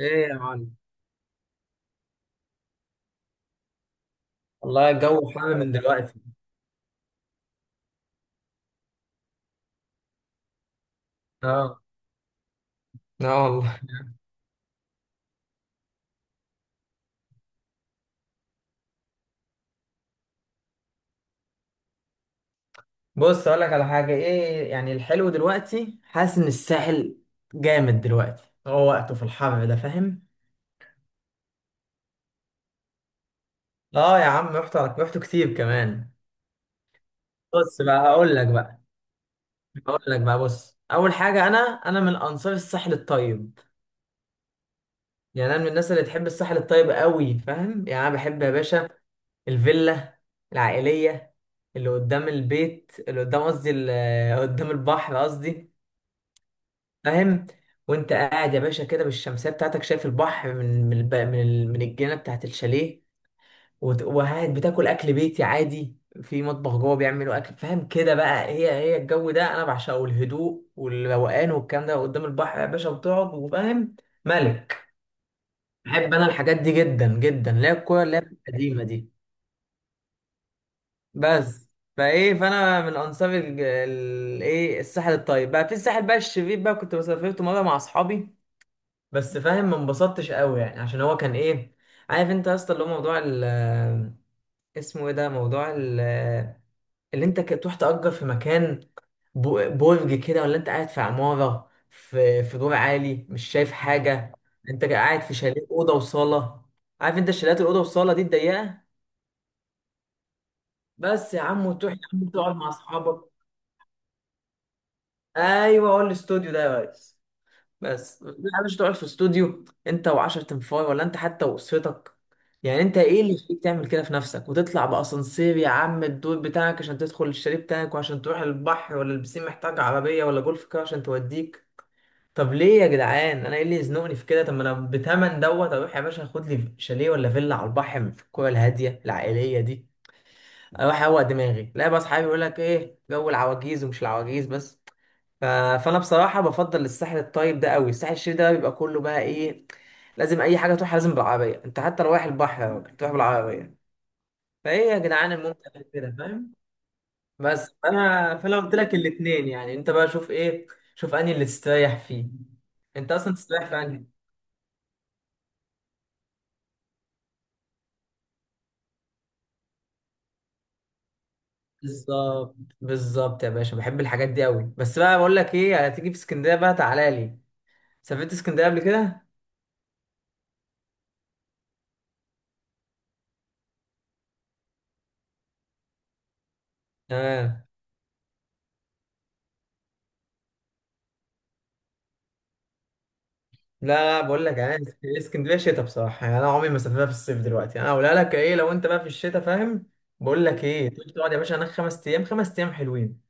ايه يا معلم. والله الجو حامي من دلوقتي. اه. اه والله. بص اقول لك على حاجه، ايه يعني الحلو دلوقتي، حاسس ان الساحل جامد دلوقتي، هو وقته في الحر ده فاهم. اه يا عم رحت كتير كمان. بص بقى هقول لك بقى، هقول لك بقى، بص اول حاجه انا من انصار الساحل الطيب، يعني انا من الناس اللي تحب الساحل الطيب قوي فاهم، يعني انا بحب يا باشا الفيلا العائليه اللي قدام البيت اللي قدام، قصدي قدام البحر قصدي، فاهم. وانت قاعد يا باشا كده بالشمسيه بتاعتك، شايف البحر من من الجنه بتاعت الشاليه. وقاعد بتاكل اكل بيتي عادي، في مطبخ جوه بيعملوا اكل فاهم، كده بقى هي الجو ده انا بعشقه، الهدوء والروقان والكلام ده قدام البحر يا باشا، وتقعد وفاهم، ملك. بحب انا الحاجات دي جدا جدا، اللي هي الكوره اللي هي القديمه دي. بس فايه، فانا من انصار الايه الساحل الطيب. بقى في الساحل بقى الشرير بقى، كنت مسافرت مره مع اصحابي بس فاهم، ما انبسطتش قوي يعني، عشان هو كان ايه، عارف انت يا اسطى اللي هو موضوع ال، اسمه ايه ده، موضوع ال، اللي انت تروح تأجر في مكان، برج كده، ولا انت قاعد في عمارة في دور عالي مش شايف حاجة. انت قاعد في شاليه أوضة وصالة، عارف انت شاليهات الأوضة والصالة دي الضيقة، بس يا عم، وتروح يا عم تقعد مع أصحابك. أيوه هو الاستوديو ده يا ريس، بس لا، مش تقعد في استوديو انت وعشر تنفاي، ولا انت حتى واسرتك. يعني انت ايه اللي يخليك تعمل كده في نفسك، وتطلع باسانسير يا عم الدور بتاعك عشان تدخل الشاليه بتاعك، وعشان تروح البحر ولا البسين محتاج عربيه ولا جولف كار عشان توديك. طب ليه يا جدعان، انا ايه اللي يزنقني في كده؟ طب ما انا بتمن دوت اروح يا باشا، خد لي شاليه ولا فيلا على البحر في الكوره الهاديه العائليه دي، اروح اروق دماغي. لا بقى، اصحابي يقول لك ايه جو العواجيز، ومش العواجيز بس. ف- فانا بصراحه بفضل الساحل الطيب ده قوي. الساحل الشرير ده بيبقى كله بقى ايه، لازم اي حاجه تروح لازم بالعربيه، انت حتى رايح البحر يا راجل تروح بالعربيه، فايه يا جدعان الممتع في كده فاهم. بس انا فانا قلت لك الاثنين، يعني انت بقى شوف ايه، شوف انهي اللي تستريح فيه، انت اصلا تستريح في انهي. بالظبط، بالظبط يا باشا، بحب الحاجات دي قوي. بس بقى بقول لك ايه، هتيجي في اسكندريه بقى، تعالى لي، سافرت اسكندريه قبل كده؟ تمام. لا لا، بقول لك انا اسكندريه شتاء بصراحه، يعني انا عمري ما سافرتها في الصيف، دلوقتي انا اقولها لك ايه، لو انت بقى في الشتاء فاهم، بقول لك ايه، تيجي تقعد يا باشا هناك خمس ايام، خمس ايام حلوين،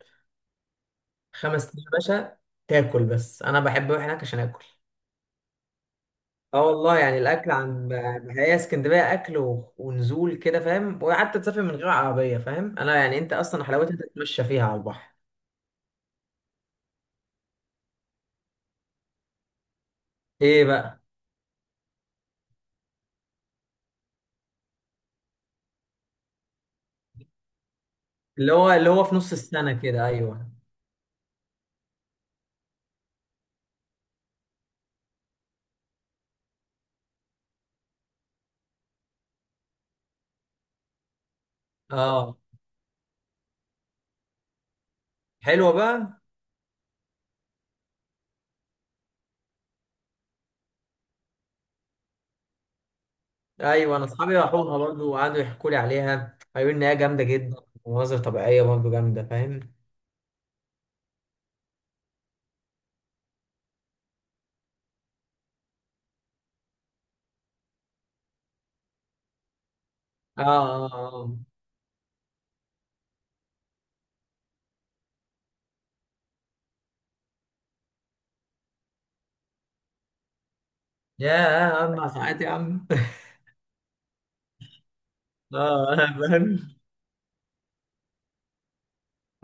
خمس ايام يا باشا، تاكل. بس انا بحب اروح هناك عشان اكل، اه والله، يعني الاكل عن، هي اسكندريه اكل ونزول كده فاهم، وحتى تسافر من غير عربيه فاهم، انا يعني انت اصلا حلاوتها تتمشى فيها على البحر. ايه بقى؟ اللي هو اللي هو في نص السنه كده، ايوه. اه، حلوه بقى. ايوه انا اصحابي راحوها برضه، وقعدوا يحكوا لي عليها، قالوا لي ان هي جامده جدا، ومناظر طبيعيه برضه جامده فاهم. اه اه، اه يا عم ساعات يا عم اه انا فاهم.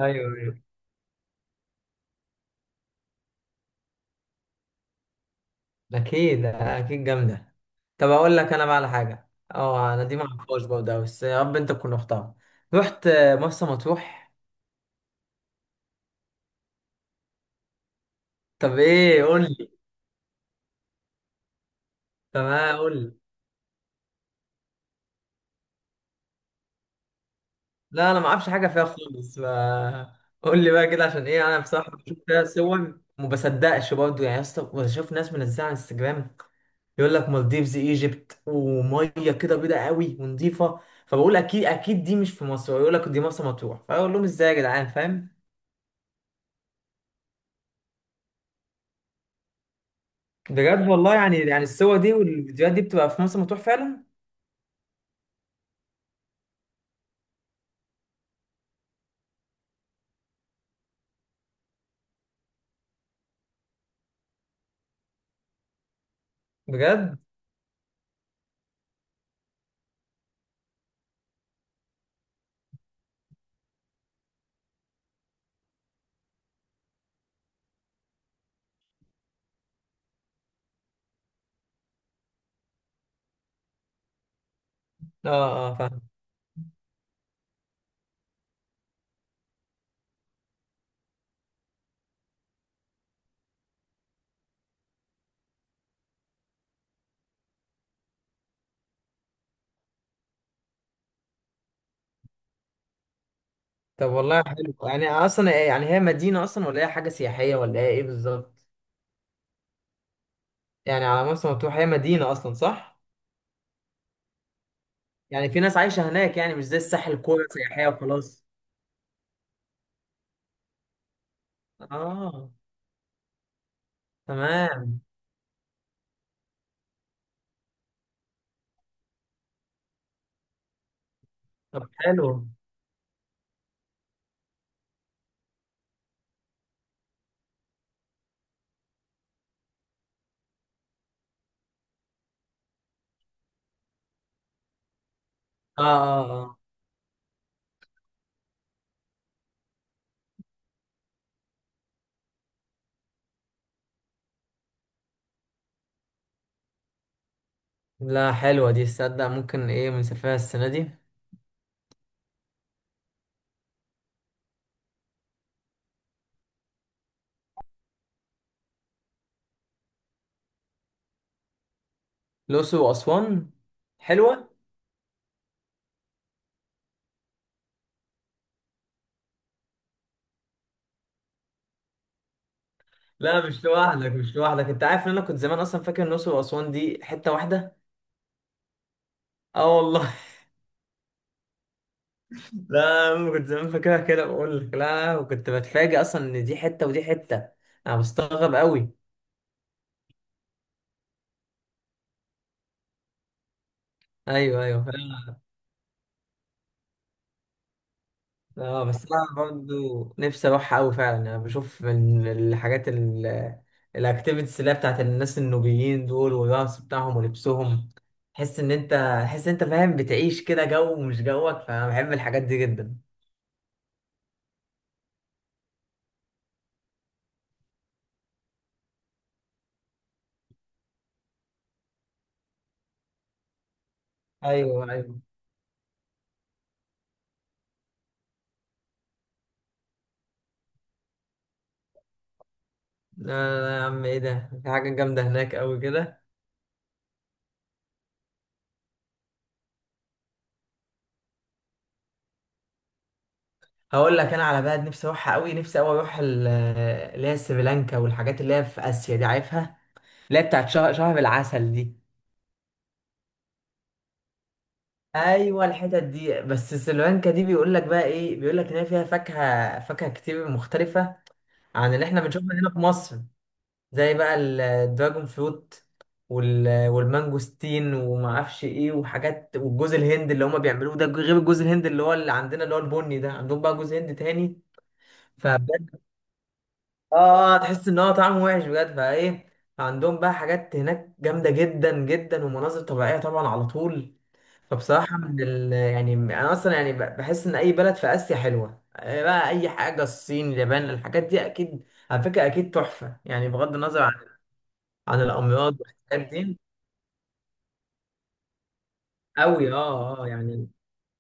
ايوه ايوه، اكيد اكيد جامده. طب اقول لك انا بقى على حاجه، اه انا دي ما اعرفهاش برضه أوي، بس يا رب انت تكون رحتها، رحت مرسى مطروح؟ طب ايه، قول لي، تمام قول لي، لا انا ما اعرفش حاجه فيها خالص، ف قول لي بقى كده، عشان ايه انا بصراحه بشوف فيها صور وما بصدقش برضه يعني، يا اسطى بشوف ناس منزلها على انستجرام، يقول لك مالديفز ايجيبت، وميه كده بيضه قوي ونظيفه، فبقول اكيد اكيد دي مش في مصر، يقول لك دي مرسى مطروح، فاقول لهم ازاي يا جدعان فاهم. بجد والله، يعني يعني الصور دي والفيديوهات دي بتبقى في مرسى مطروح فعلا؟ بجد. اه اه فاهم. طب والله حلو، يعني اصلا يعني هي مدينه اصلا، ولا هي حاجه سياحيه، ولا هي ايه بالظبط؟ يعني على مرسى مطروح، هي مدينه اصلا صح؟ يعني في ناس عايشة هناك، يعني مش زي الساحل كورة سياحية وخلاص. اه. تمام. طب حلو. اه اه اه. لا حلوة دي، تصدق ممكن ايه بنسافرها السنة دي. الأقصر وأسوان، حلوة. لا مش لوحدك، مش لوحدك، انت عارف ان انا كنت زمان اصلا فاكر ان الأقصر وأسوان دي حتة واحدة. اه والله. لا أنا كنت زمان فاكرها كده، بقول لك لا، وكنت بتفاجئ اصلا ان دي حتة ودي حتة، انا بستغرب قوي. ايوه ايوه. اه بس انا برضو نفسي اروح قوي فعلا، يعني انا بشوف من الحاجات الاكتيفيتيز اللي هي بتاعت الناس النوبيين دول، والرقص بتاعهم ولبسهم، تحس ان انت، تحس ان انت فاهم، بتعيش كده جو مش جوك، فانا بحب الحاجات دي جدا. ايوه ايوه. آه يا عم ايه ده، في حاجه جامده هناك قوي كده. هقول لك انا على بلد نفسي اروحها قوي، نفسي قوي اروح اللي هي سريلانكا، والحاجات اللي هي في اسيا دي عارفها، اللي هي بتاعت شهر العسل دي. ايوه الحتت دي، بس سلوانكا دي بيقول لك بقى ايه، بيقول لك ان هي فيها فاكهه كتير مختلفه عن اللي احنا بنشوفها هنا في مصر، زي بقى الدراجون فروت، والمانجوستين وما اعرفش ايه وحاجات، والجوز الهند اللي هما بيعملوه ده غير الجوز الهند اللي هو اللي عندنا اللي هو البني ده، عندهم بقى جوز هند تاني. فبجد، اه آه، تحس ان هو طعمه وحش بجد، فايه عندهم بقى حاجات هناك جامده جدا جدا، ومناظر طبيعيه طبعا على طول. فبصراحة يعني أنا أصلا يعني بحس إن أي بلد في آسيا حلوة آه، بقى أي حاجة، الصين اليابان الحاجات دي أكيد، على فكرة أكيد تحفة يعني، بغض النظر عن، عن الأمراض والحاجات دي. أوي، أه أه يعني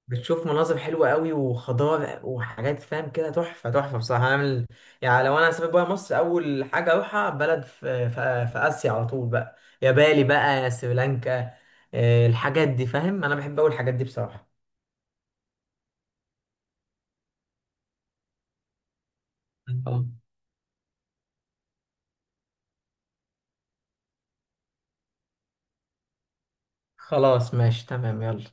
بتشوف مناظر حلوة أوي، وخضار وحاجات فاهم كده، تحفة تحفة بصراحة. يعني لو أنا هسافر بره مصر، أول حاجة أروحها بلد في آسيا على طول بقى، يا بالي بقى يا سريلانكا، آه، الحاجات دي فاهم، أنا بحب أوي الحاجات دي بصراحة. خلاص ماشي تمام، يلا.